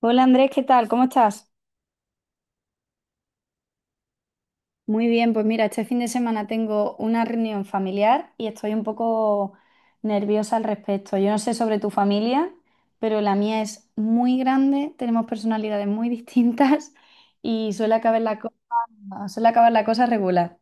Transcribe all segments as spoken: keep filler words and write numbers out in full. Hola Andrés, ¿qué tal? ¿Cómo estás? Muy bien, pues mira, este fin de semana tengo una reunión familiar y estoy un poco nerviosa al respecto. Yo no sé sobre tu familia, pero la mía es muy grande, tenemos personalidades muy distintas y suele acabar la cosa, suele acabar la cosa regular.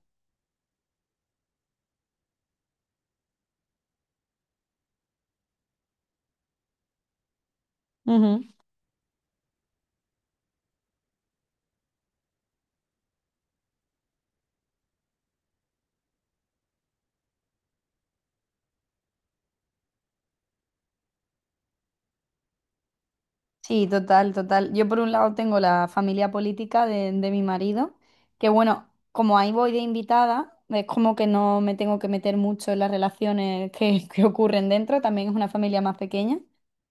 Sí, total, total. Yo por un lado tengo la familia política de, de mi marido, que bueno, como ahí voy de invitada, es como que no me tengo que meter mucho en las relaciones que, que ocurren dentro, también es una familia más pequeña.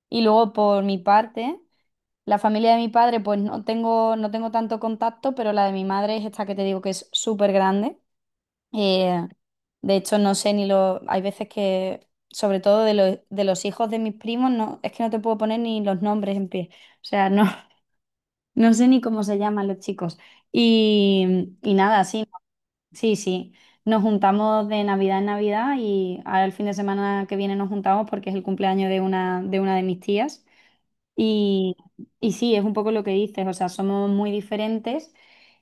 Y luego por mi parte, la familia de mi padre, pues no tengo, no tengo tanto contacto, pero la de mi madre es esta que te digo que es súper grande. Eh, de hecho, no sé ni lo. Hay veces que, sobre todo de, lo- de los hijos de mis primos, no, es que no te puedo poner ni los nombres en pie. O sea, no, no sé ni cómo se llaman los chicos. Y, y nada, sí, sí, sí. Nos juntamos de Navidad en Navidad y ahora el fin de semana que viene nos juntamos porque es el cumpleaños de una, de una de mis tías. Y, y sí, es un poco lo que dices, o sea, somos muy diferentes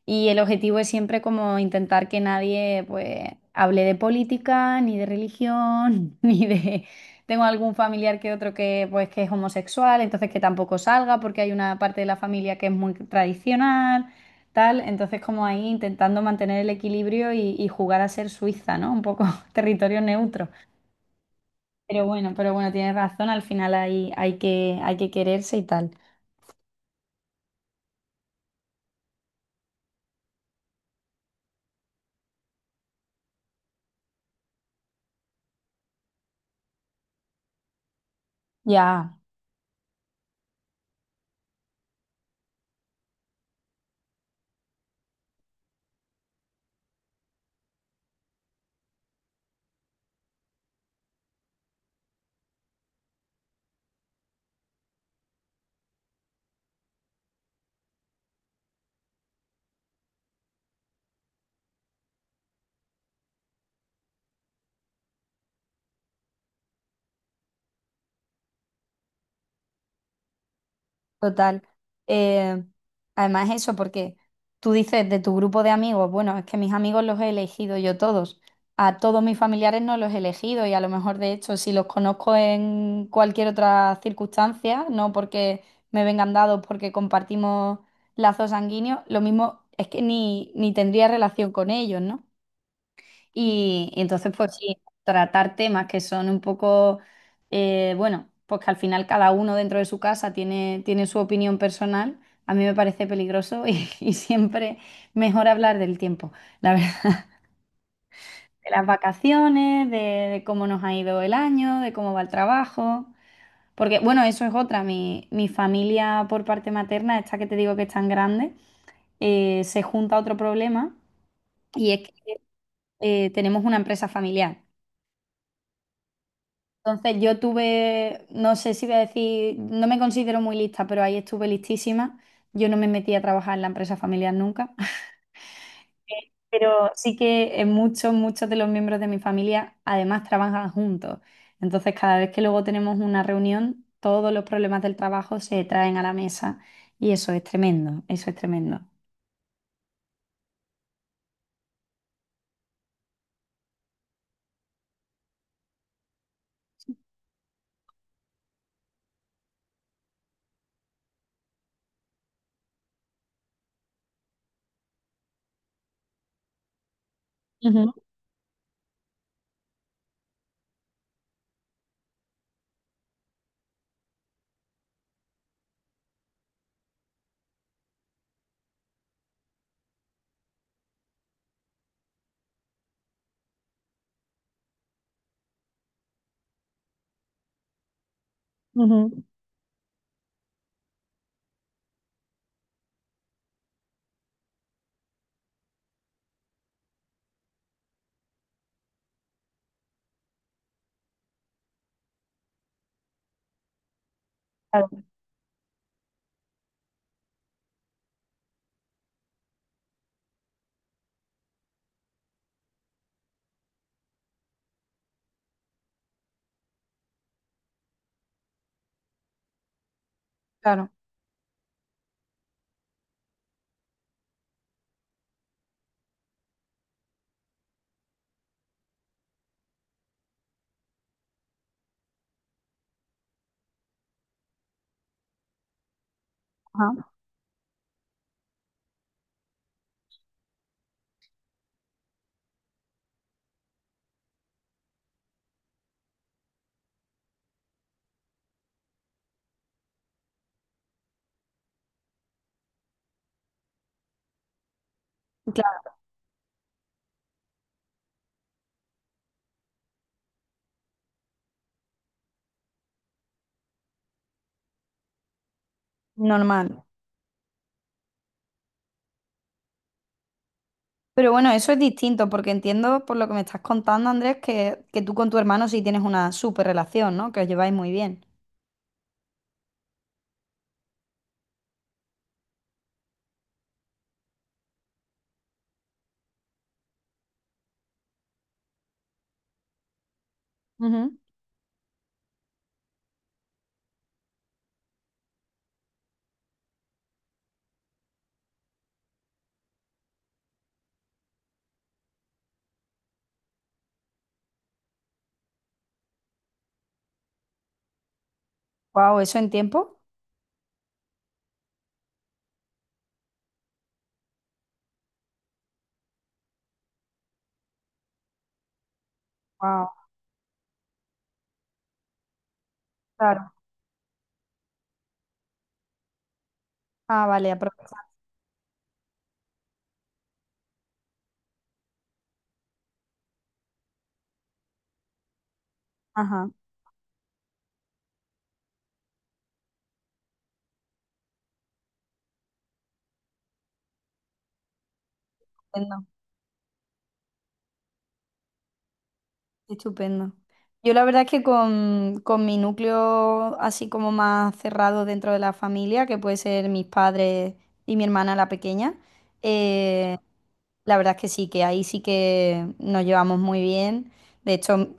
y el objetivo es siempre como intentar que nadie pues hable de política, ni de religión, ni de... Tengo algún familiar que otro que pues que es homosexual, entonces que tampoco salga porque hay una parte de la familia que es muy tradicional, tal, entonces como ahí intentando mantener el equilibrio y, y jugar a ser Suiza, ¿no? Un poco territorio neutro. Pero bueno, pero bueno, tienes razón, al final hay, hay que, hay que quererse y tal. Ya, total. Eh, Además eso, porque tú dices de tu grupo de amigos, bueno, es que mis amigos los he elegido yo todos. A todos mis familiares no los he elegido y a lo mejor de hecho si los conozco en cualquier otra circunstancia, no porque me vengan dados, porque compartimos lazos sanguíneos, lo mismo es que ni, ni tendría relación con ellos, ¿no? Y, y entonces, pues sí, tratar temas que son un poco, eh, bueno, pues que al final cada uno dentro de su casa tiene, tiene su opinión personal, a mí me parece peligroso y, y siempre mejor hablar del tiempo, la verdad, de las vacaciones, de, de cómo nos ha ido el año, de cómo va el trabajo. Porque, bueno, eso es otra, mi, mi familia por parte materna, esta que te digo que es tan grande, eh, se junta otro problema y es que eh, tenemos una empresa familiar. Entonces yo tuve, no sé si voy a decir, no me considero muy lista, pero ahí estuve listísima. Yo no me metí a trabajar en la empresa familiar nunca, pero sí que eh, muchos, muchos de los miembros de mi familia además trabajan juntos. Entonces cada vez que luego tenemos una reunión, todos los problemas del trabajo se traen a la mesa y eso es tremendo, eso es tremendo. Ujú, ujú. Claro, claro, ajá, claro, normal. Pero bueno, eso es distinto, porque entiendo por lo que me estás contando, Andrés, que, que tú con tu hermano sí tienes una súper relación, ¿no? Que os lleváis muy bien. Wow, ¿eso en tiempo? Wow, claro. Ah, vale, aprovechar. Ajá. Entiendo. Estupendo. Yo la verdad es que con, con mi núcleo así como más cerrado dentro de la familia, que puede ser mis padres y mi hermana la pequeña, eh, la verdad es que sí, que ahí sí que nos llevamos muy bien. De hecho,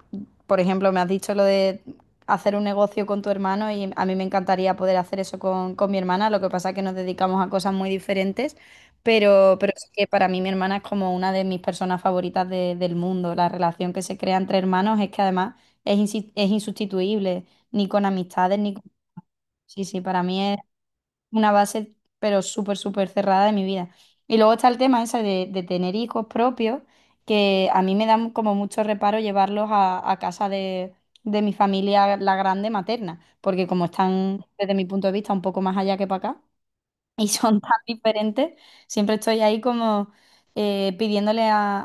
por ejemplo, me has dicho lo de hacer un negocio con tu hermano y a mí me encantaría poder hacer eso con, con mi hermana, lo que pasa es que nos dedicamos a cosas muy diferentes, pero, pero sí que para mí mi hermana es como una de mis personas favoritas de- del mundo. La relación que se crea entre hermanos es que además es, insi- es insustituible, ni con amistades, ni con... Sí, sí, para mí es una base, pero súper, súper cerrada de mi vida. Y luego está el tema ese de, de tener hijos propios, que a mí me da como mucho reparo llevarlos a, a casa de, de mi familia, la grande materna, porque como están, desde mi punto de vista, un poco más allá que para acá y son tan diferentes. Siempre estoy ahí como eh, pidiéndole a,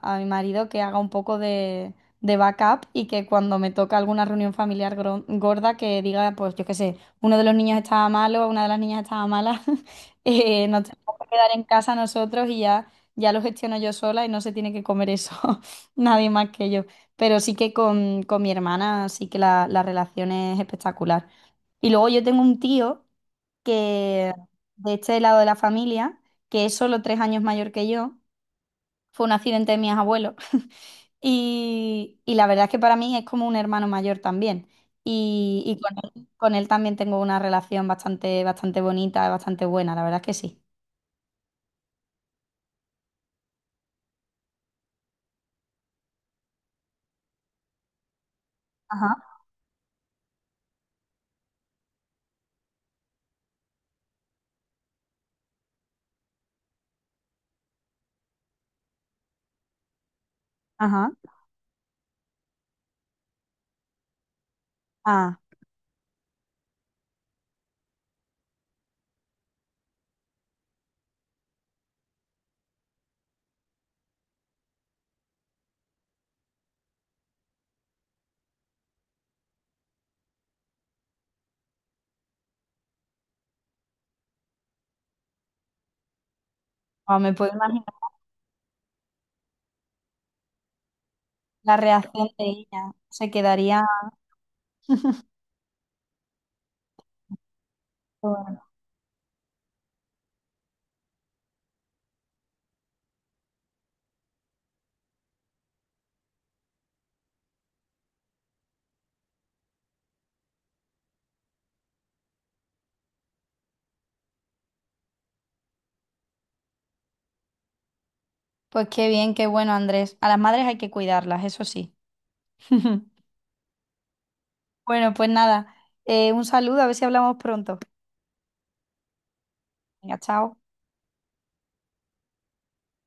a- a mi marido que haga un poco de, de backup y que cuando me toca alguna reunión familiar gro- gorda que diga, pues yo qué sé, uno de los niños estaba malo, una de las niñas estaba mala, eh, nos tenemos que quedar en casa nosotros y ya, ya lo gestiono yo sola y no se tiene que comer eso nadie más que yo. Pero sí que con, con mi hermana sí que la, la relación es espectacular. Y luego yo tengo un tío que de este lado de la familia, que es solo tres años mayor que yo, fue un accidente de mis abuelos. Y, y la verdad es que para mí es como un hermano mayor también. Y, y con él, con él también tengo una relación bastante, bastante bonita, bastante buena, la verdad es que sí. Ajá, ajá. Ah, o me puedo imaginar la reacción de ella. Se quedaría. Bueno, pues qué bien, qué bueno, Andrés. A las madres hay que cuidarlas, eso sí. Bueno, pues nada, eh, un saludo, a ver si hablamos pronto. Venga, chao.